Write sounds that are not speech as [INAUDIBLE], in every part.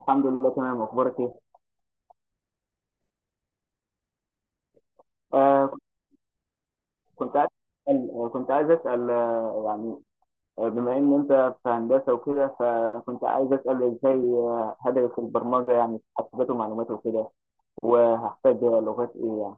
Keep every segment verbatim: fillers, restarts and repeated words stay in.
الحمد لله، تمام. اخبارك ايه؟ آه كنت عايز اسال آه، كنت عايز اسال آه يعني آه، بما ان انت في هندسه وكده، فكنت عايز اسال ازاي آه، هدرس البرمجه يعني في حاسبات ومعلومات وكده. وهحتاج لغات ايه يعني؟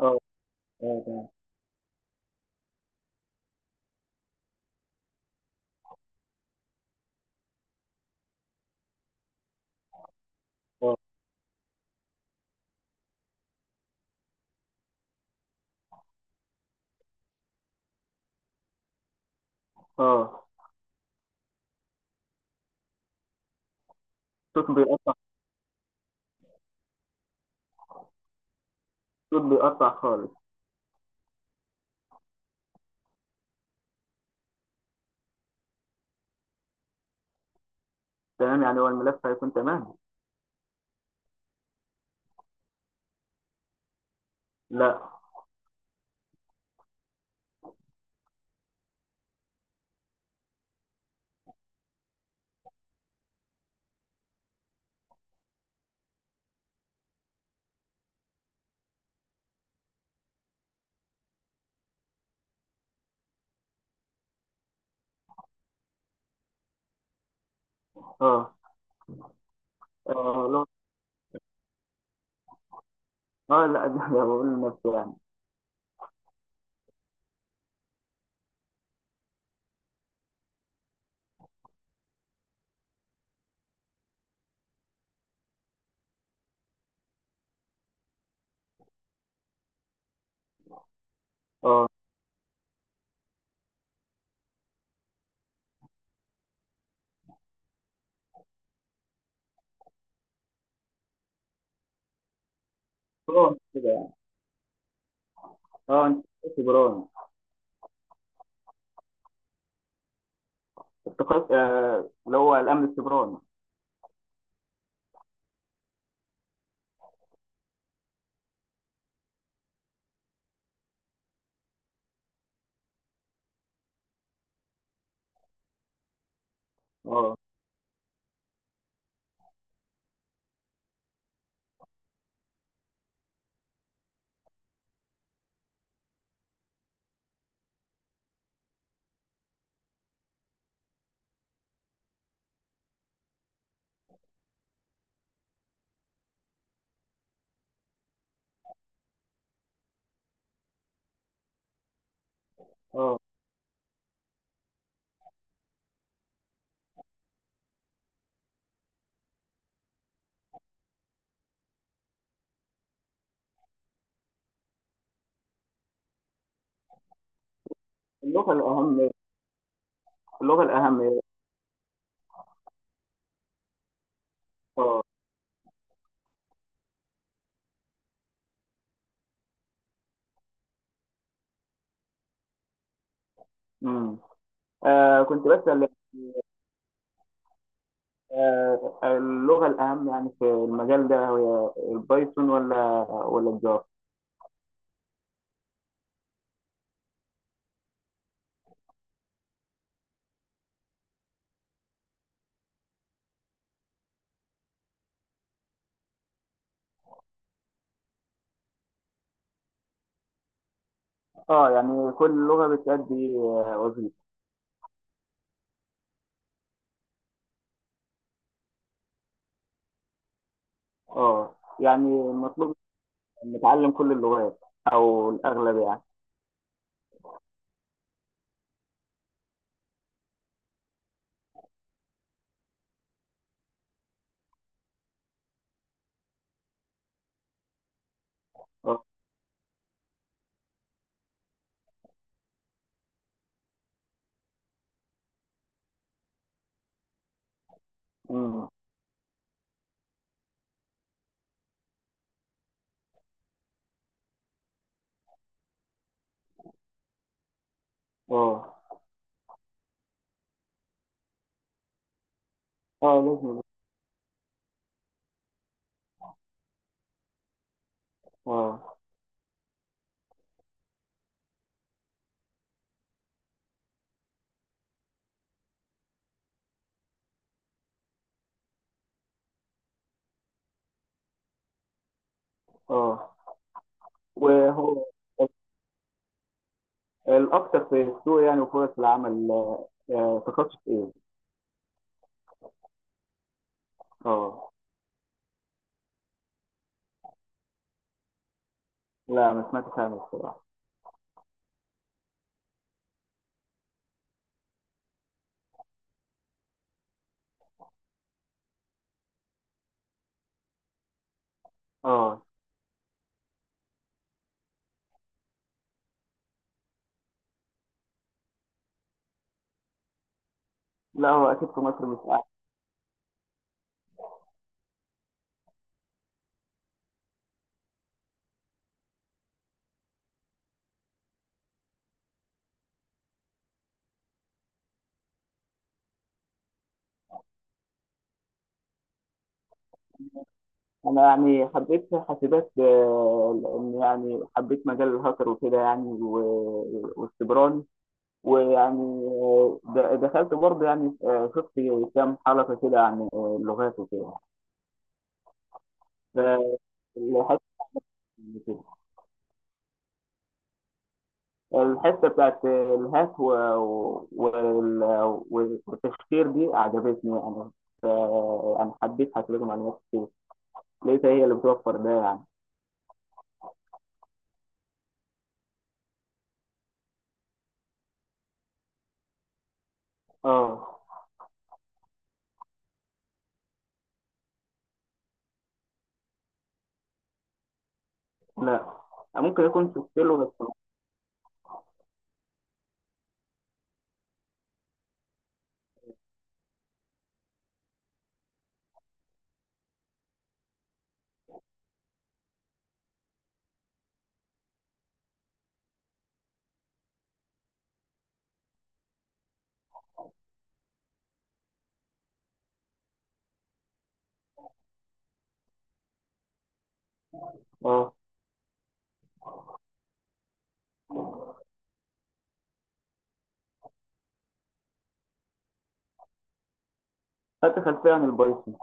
اه، اه، تمام. اه، اه، الصوت بيقطع. الصوت بيقطع خالص. تمام، يعني هو الملف هيكون تمام. لا. اه، اه، لغة- اه، لا، [LAUGHS] ده بقول لنفسي يعني. اه، بران كده يعني. اه، انت سيبراني. التقاط آه اللي هو الامن السيبراني. اه، اه، اللغة الأهم. اللغة الأهم. اه. امم. آه، كنت بسأل. آه، اللغة الأهم يعني في المجال ده هي البايثون ولا ولا الجافا؟ اه، يعني كل لغة بتأدي آه، وظيفة. اه، يعني المطلوب نتعلم كل اللغات، أو الأغلب يعني؟ اه. امم. اه. اه، لازم. اه. اه. وهو الأكثر في السوق يعني، وفرص العمل آه، آه، تخصص إيه؟ اه، لا، ما سمعتش عنه الصراحة. اه، لا، هو اكيد في مصر مش احسن. انا يعني حبيت حاسبات آه، لان يعني حبيت مجال الهاكر وكده يعني، و- والسيبراني. ويعني آه، د- دخلت برضه يعني، آه، شفت كام حلقة كده عن آه، اللغات وكده. فالحتة كده. الحتة بتاعت الهاك و- و- وال- والتفكير دي عجبتني يعني. ف- يعني حبيت حاسبات ومعلومات كتير. لقيتها هي اللي بتوفر ده يعني. اه، لا، ممكن يكون شفت له بس. اه، خدت خلفيه عن البايثون.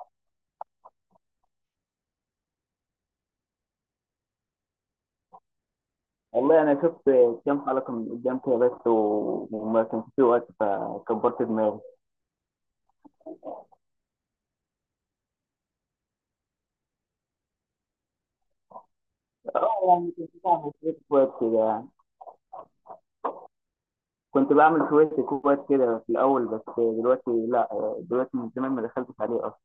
والله انا شفت كام حلقه من قدام كده بس، و- وما كانش في وقت فكبرت دماغي. اه، يعني كنت بعمل شويه كويس كده يعني. كنت بعمل شويه كويس كده في الاول، بس دلوقتي لا. دلوقتي من زمان ما دخلتش عليه اصلا.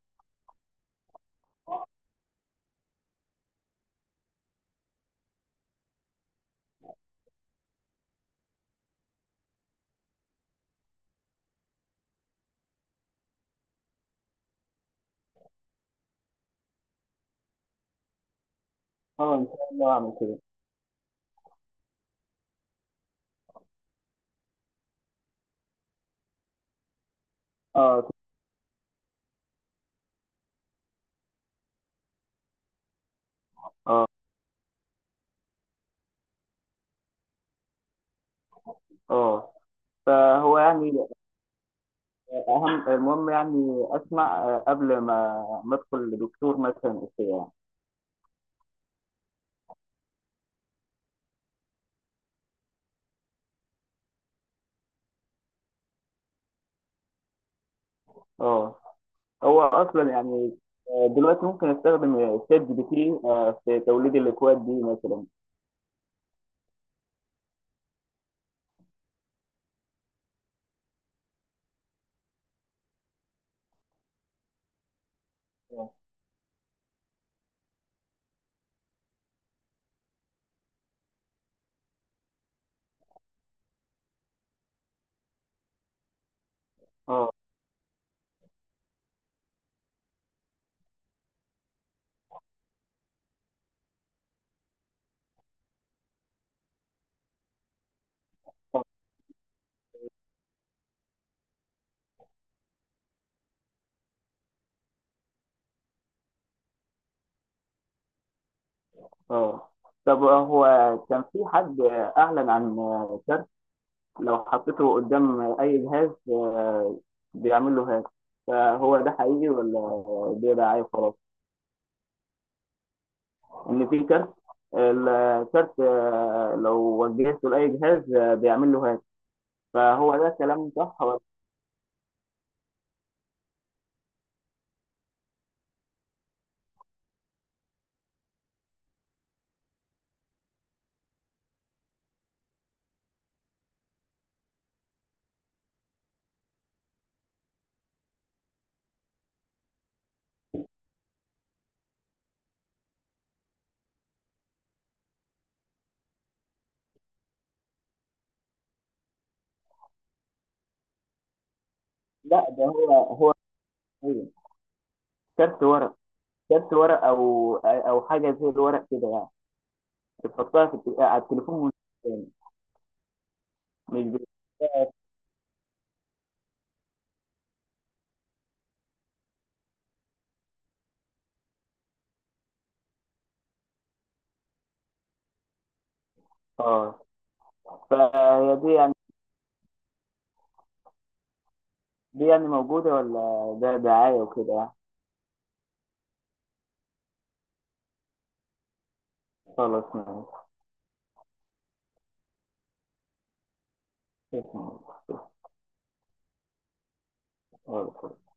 اه، ان شاء الله اعمل كده. اه، اه، اه، فهو يعني اهم المهم يعني اسمع قبل ما ما ادخل لدكتور مثلا وكده يعني. اه، هو اصلا يعني، آه، دلوقتي ممكن استخدم شات جي بي تي آه، في توليد الاكواد دي مثلا. اه، اه، طب، هو كان في حد اعلن عن كارت، لو حطيته قدام اي جهاز آه، بيعمل له هاك. فهو ده حقيقي ولا دي دعايه خلاص؟ ان في كارت. الكارت آه، لو وجهته لاي جهاز آه، بيعمل له هاك. فهو ده كلام صح ولا؟ لا، ده هو هو كارت ورق. جبت ورق او او حاجه زي الورق كده يعني. بتحطها في الت- على التليفون. مش مش بت- اه، فهي دي يعني دي يعني موجوده، ولا ده دعايه وكده يعني؟ خلاص، ماشي. خلاص.